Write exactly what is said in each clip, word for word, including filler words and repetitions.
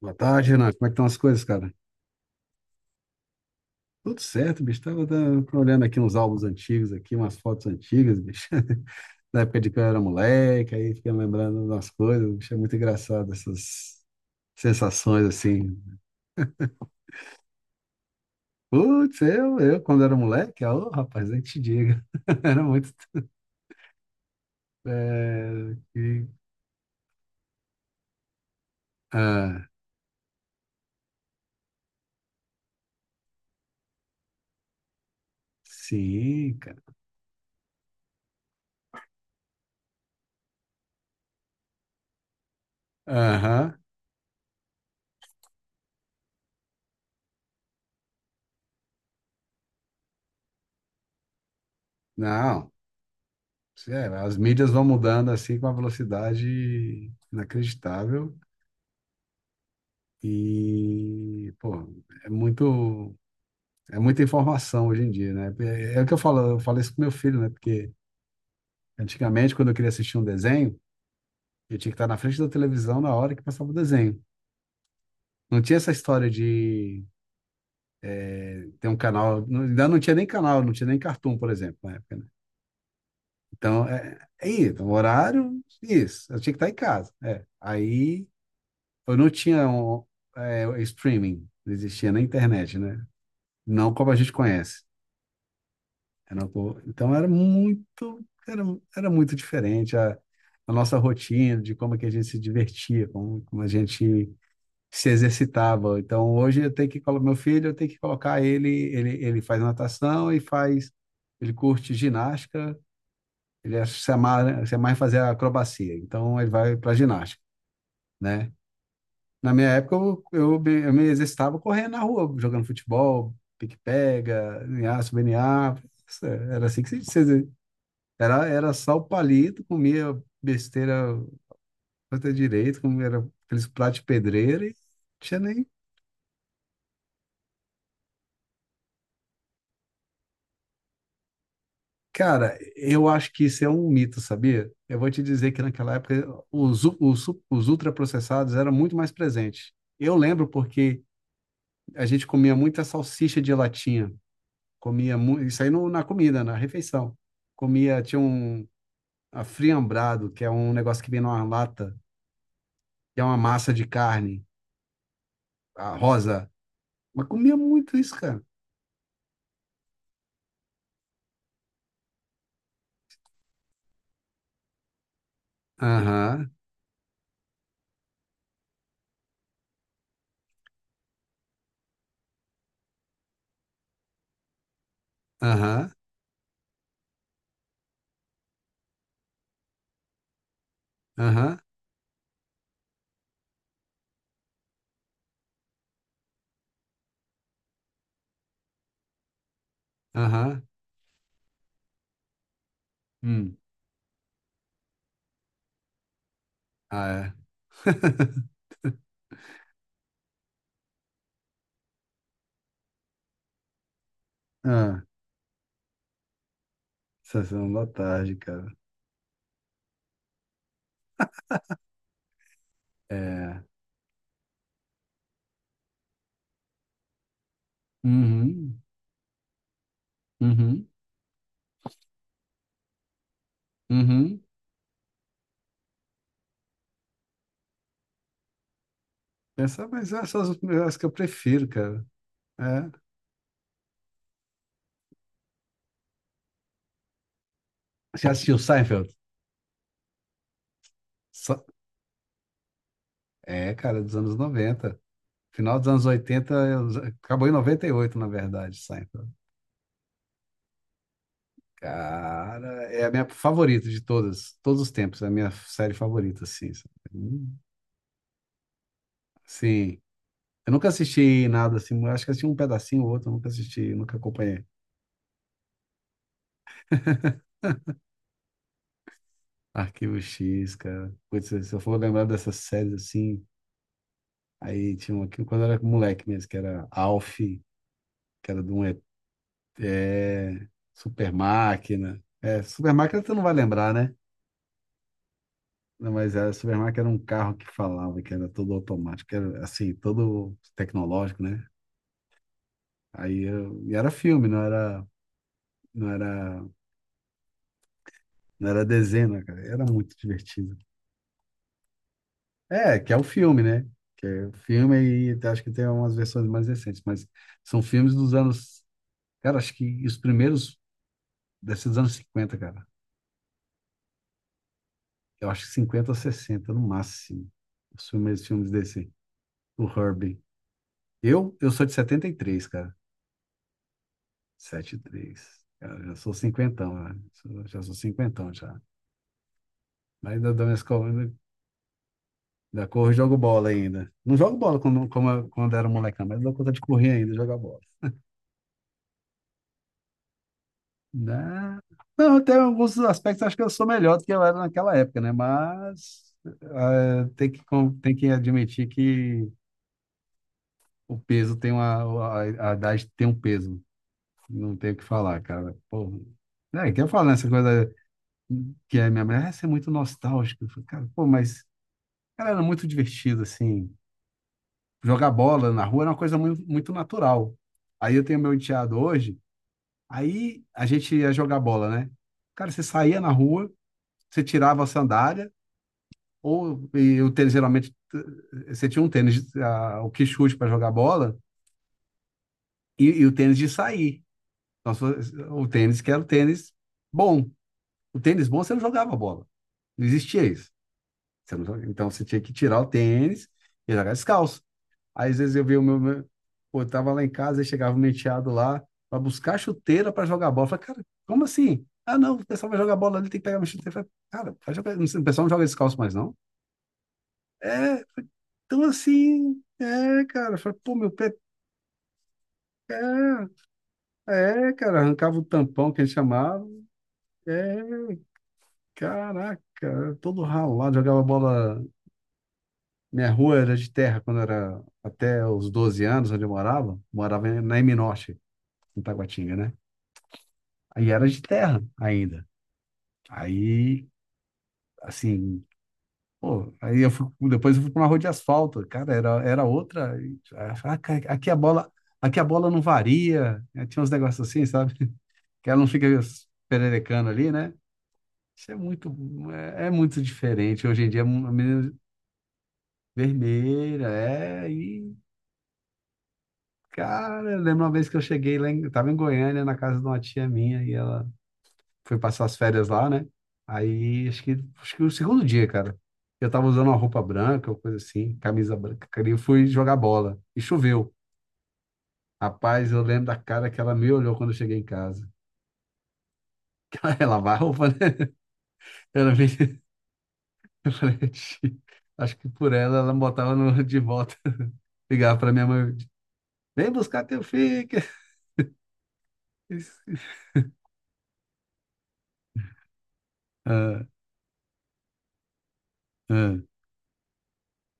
Boa tarde, Renan. Como é que estão as coisas, cara? Tudo certo, bicho. Tava, tava olhando aqui uns álbuns antigos aqui, umas fotos antigas, bicho. Da época de que eu era moleque, aí fiquei lembrando das coisas, bicho. É muito engraçado essas sensações assim. Putz, eu, eu quando era moleque, ah, ô, rapaz, nem te diga. Era muito. É, que- ah, sim, cara. Aham. Não. É, as mídias vão mudando assim com uma velocidade inacreditável. E, pô, é muito, é muita informação hoje em dia, né? É, é o que eu falo, eu falo isso com meu filho, né? Porque antigamente, quando eu queria assistir um desenho, eu tinha que estar na frente da televisão na hora que passava o desenho. Não tinha essa história de ter um canal, não- ainda não tinha nem canal, não tinha nem Cartoon, por exemplo, na época, né? Então, é, é isso, então, horário, isso, eu tinha que estar em casa, é. Aí, eu não tinha um, é, streaming, não existia na internet, né? Não como a gente conhece. Era uma boa. Então era muito, era, era muito diferente a, a nossa rotina, de como é que a gente se divertia, como, como a gente se exercitava. Então hoje eu tenho que colocar meu filho, eu tenho que colocar ele, ele, ele faz natação e faz, ele curte ginástica, ele é- se amarra, se amarra em fazer acrobacia. Então ele vai para ginástica, né? Na minha época eu, eu, me- eu me exercitava correndo na rua, jogando futebol, pique-pega, N A, subNA, era assim que se, se era, era sal palito, comia besteira até direito, comia era aqueles pratos de pedreiro e não tinha nem. Cara, eu acho que isso é um mito, sabia? Eu vou te dizer que naquela época os, u- os, u- os ultraprocessados eram muito mais presentes. Eu lembro porque a gente comia muita salsicha de latinha, comia mu- isso aí no, na comida, na refeição. Comia, tinha um a friambrado, que é um negócio que vem numa lata, que é uma massa de carne, a rosa. Mas comia muito isso, cara. Aham, aham, aham, aham. Hum. Ah, é. Ah, sessão da tarde, cara. É. Uhum, uhum, uhum. Essa, mas essas são as que eu prefiro, cara. É. Você assistiu Seinfeld? Sa- É, cara, dos anos noventa. Final dos anos oitenta eu- Acabou em noventa e oito na verdade, Seinfeld. Cara, é a minha favorita de todas, todos os tempos. É a minha série favorita, assim, sabe? Hum, Sim. Eu nunca assisti nada assim, eu acho que assisti um pedacinho ou outro, eu nunca assisti, nunca acompanhei. Arquivo X, cara. Putz, se eu for lembrar dessas séries assim, aí tinha uma aqui quando eu era moleque mesmo, que era Alf, que era de um E- é, Super Máquina. É, Super Máquina tu não vai lembrar, né? Não, mas a Super Máquina era um carro que falava, que era todo automático, que era assim, todo tecnológico, né? Aí eu, e era filme, não era, não era, não era desenho, né, cara? Era muito divertido. É, que é o filme, né? Que é o filme e acho que tem umas versões mais recentes, mas são filmes dos anos, cara, acho que os primeiros desses anos cinquenta, cara. Eu acho que cinquenta ou sessenta no máximo. Os filmes, filmes desse, o Herbie. Eu, eu sou de setenta e três, cara. setenta e três. Cara, eu já sou cinquentão, né? Sou- Já sou cinquentão já. Mas da, da minha escola, da cor, eu jogo bola ainda. Não jogo bola quando, como, eu- quando era molecão, mas dou conta de correr ainda, e jogar bola. Né? Não, tem alguns aspectos, acho que eu sou melhor do que eu era naquela época, né? Mas eh, tem que, con- tem que admitir que o peso tem uma, a, a idade tem um peso, não tem o que falar, cara. Pô, né? Que eu falo nessa coisa que a minha mulher: "Ah, você é muito nostálgico." Eu falo: "Cara, pô, mas cara, era muito divertido, assim. Jogar bola na rua era uma coisa muito, muito natural." Aí eu tenho meu enteado hoje, aí a gente ia jogar bola, né? Cara, você saía na rua. Você tirava a sandália, ou e o tênis geralmente você tinha um tênis, a, o que chute para jogar bola, e, e, o tênis de sair. Então, se- o tênis que era o tênis bom. O tênis bom você não jogava bola. Não existia isso. Você não, joga- Então você tinha que tirar o tênis e jogar descalço. Aí às vezes eu vi o meu. meu Pô, eu tava lá em casa e chegava um menteado lá para buscar chuteira para jogar bola. Eu falei: "Cara, como assim?" "Ah, não, o pessoal vai jogar bola ali, tem que pegar uma chuteira." Eu falei: "Cara, vai jogar, o pessoal não joga descalço mais, não." É, então assim, é, cara, eu falei, pô, meu pé, é, é, cara, arrancava o tampão que eles chamavam, é, caraca, era todo ralado, jogava bola, minha rua era de terra quando era até os doze anos, onde eu morava, morava na M Norte, em Taguatinga, né? Aí era de terra ainda, aí, assim, pô, aí eu fui, depois eu fui pra uma rua de asfalto, cara, era, era outra, aí, ah, cara, aqui a bola, aqui a bola não varia, tinha uns negócios assim, sabe? Que ela não fica pererecando ali, né? Isso é muito, é, é muito diferente. Hoje em dia, a menina vermelha, é, e, cara, eu lembro uma vez que eu cheguei lá, em, eu tava em Goiânia, na casa de uma tia minha, e ela foi passar as férias lá, né? Aí, acho que, acho que o segundo dia, cara, eu tava usando uma roupa branca, ou coisa assim, camisa branca, cara, e eu fui jogar bola, e choveu. Rapaz, eu lembro da cara que ela me olhou quando eu cheguei em casa. Ela vai a roupa, né? Ela me refletir. Acho que por ela, ela me botava no, de volta. Ligava pra minha mãe. Vem buscar teu filho. Ah, ah,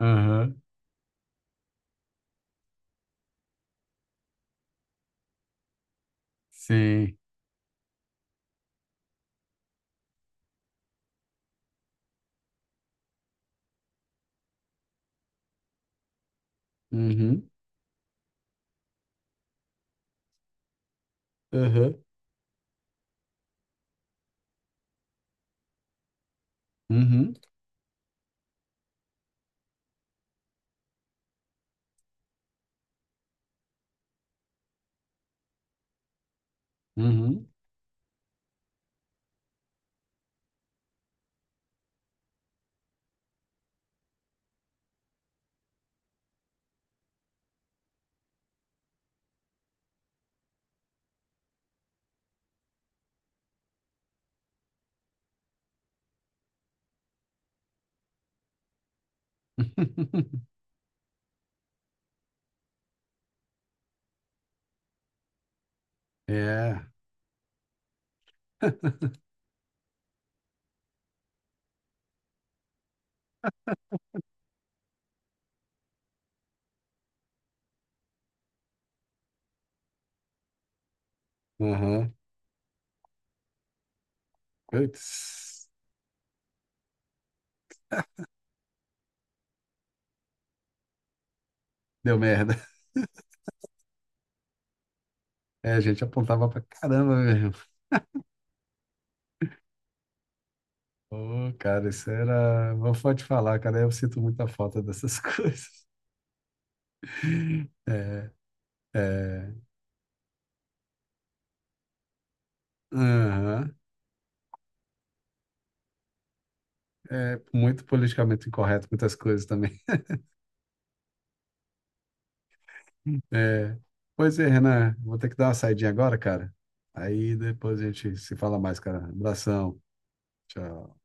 aham. Sim. Uhum. Aham. Uhum. Uhum. É. Aham. Putz. Deu merda. É, a gente apontava pra caramba mesmo. Ô, cara, isso era. Vou só te falar, cara, eu sinto muita falta dessas coisas. É, é. Aham. É muito politicamente incorreto, muitas coisas também. É, pois é, Renan, vou ter que dar uma saidinha agora, cara. Aí depois a gente se fala mais, cara. Abração. Tchau.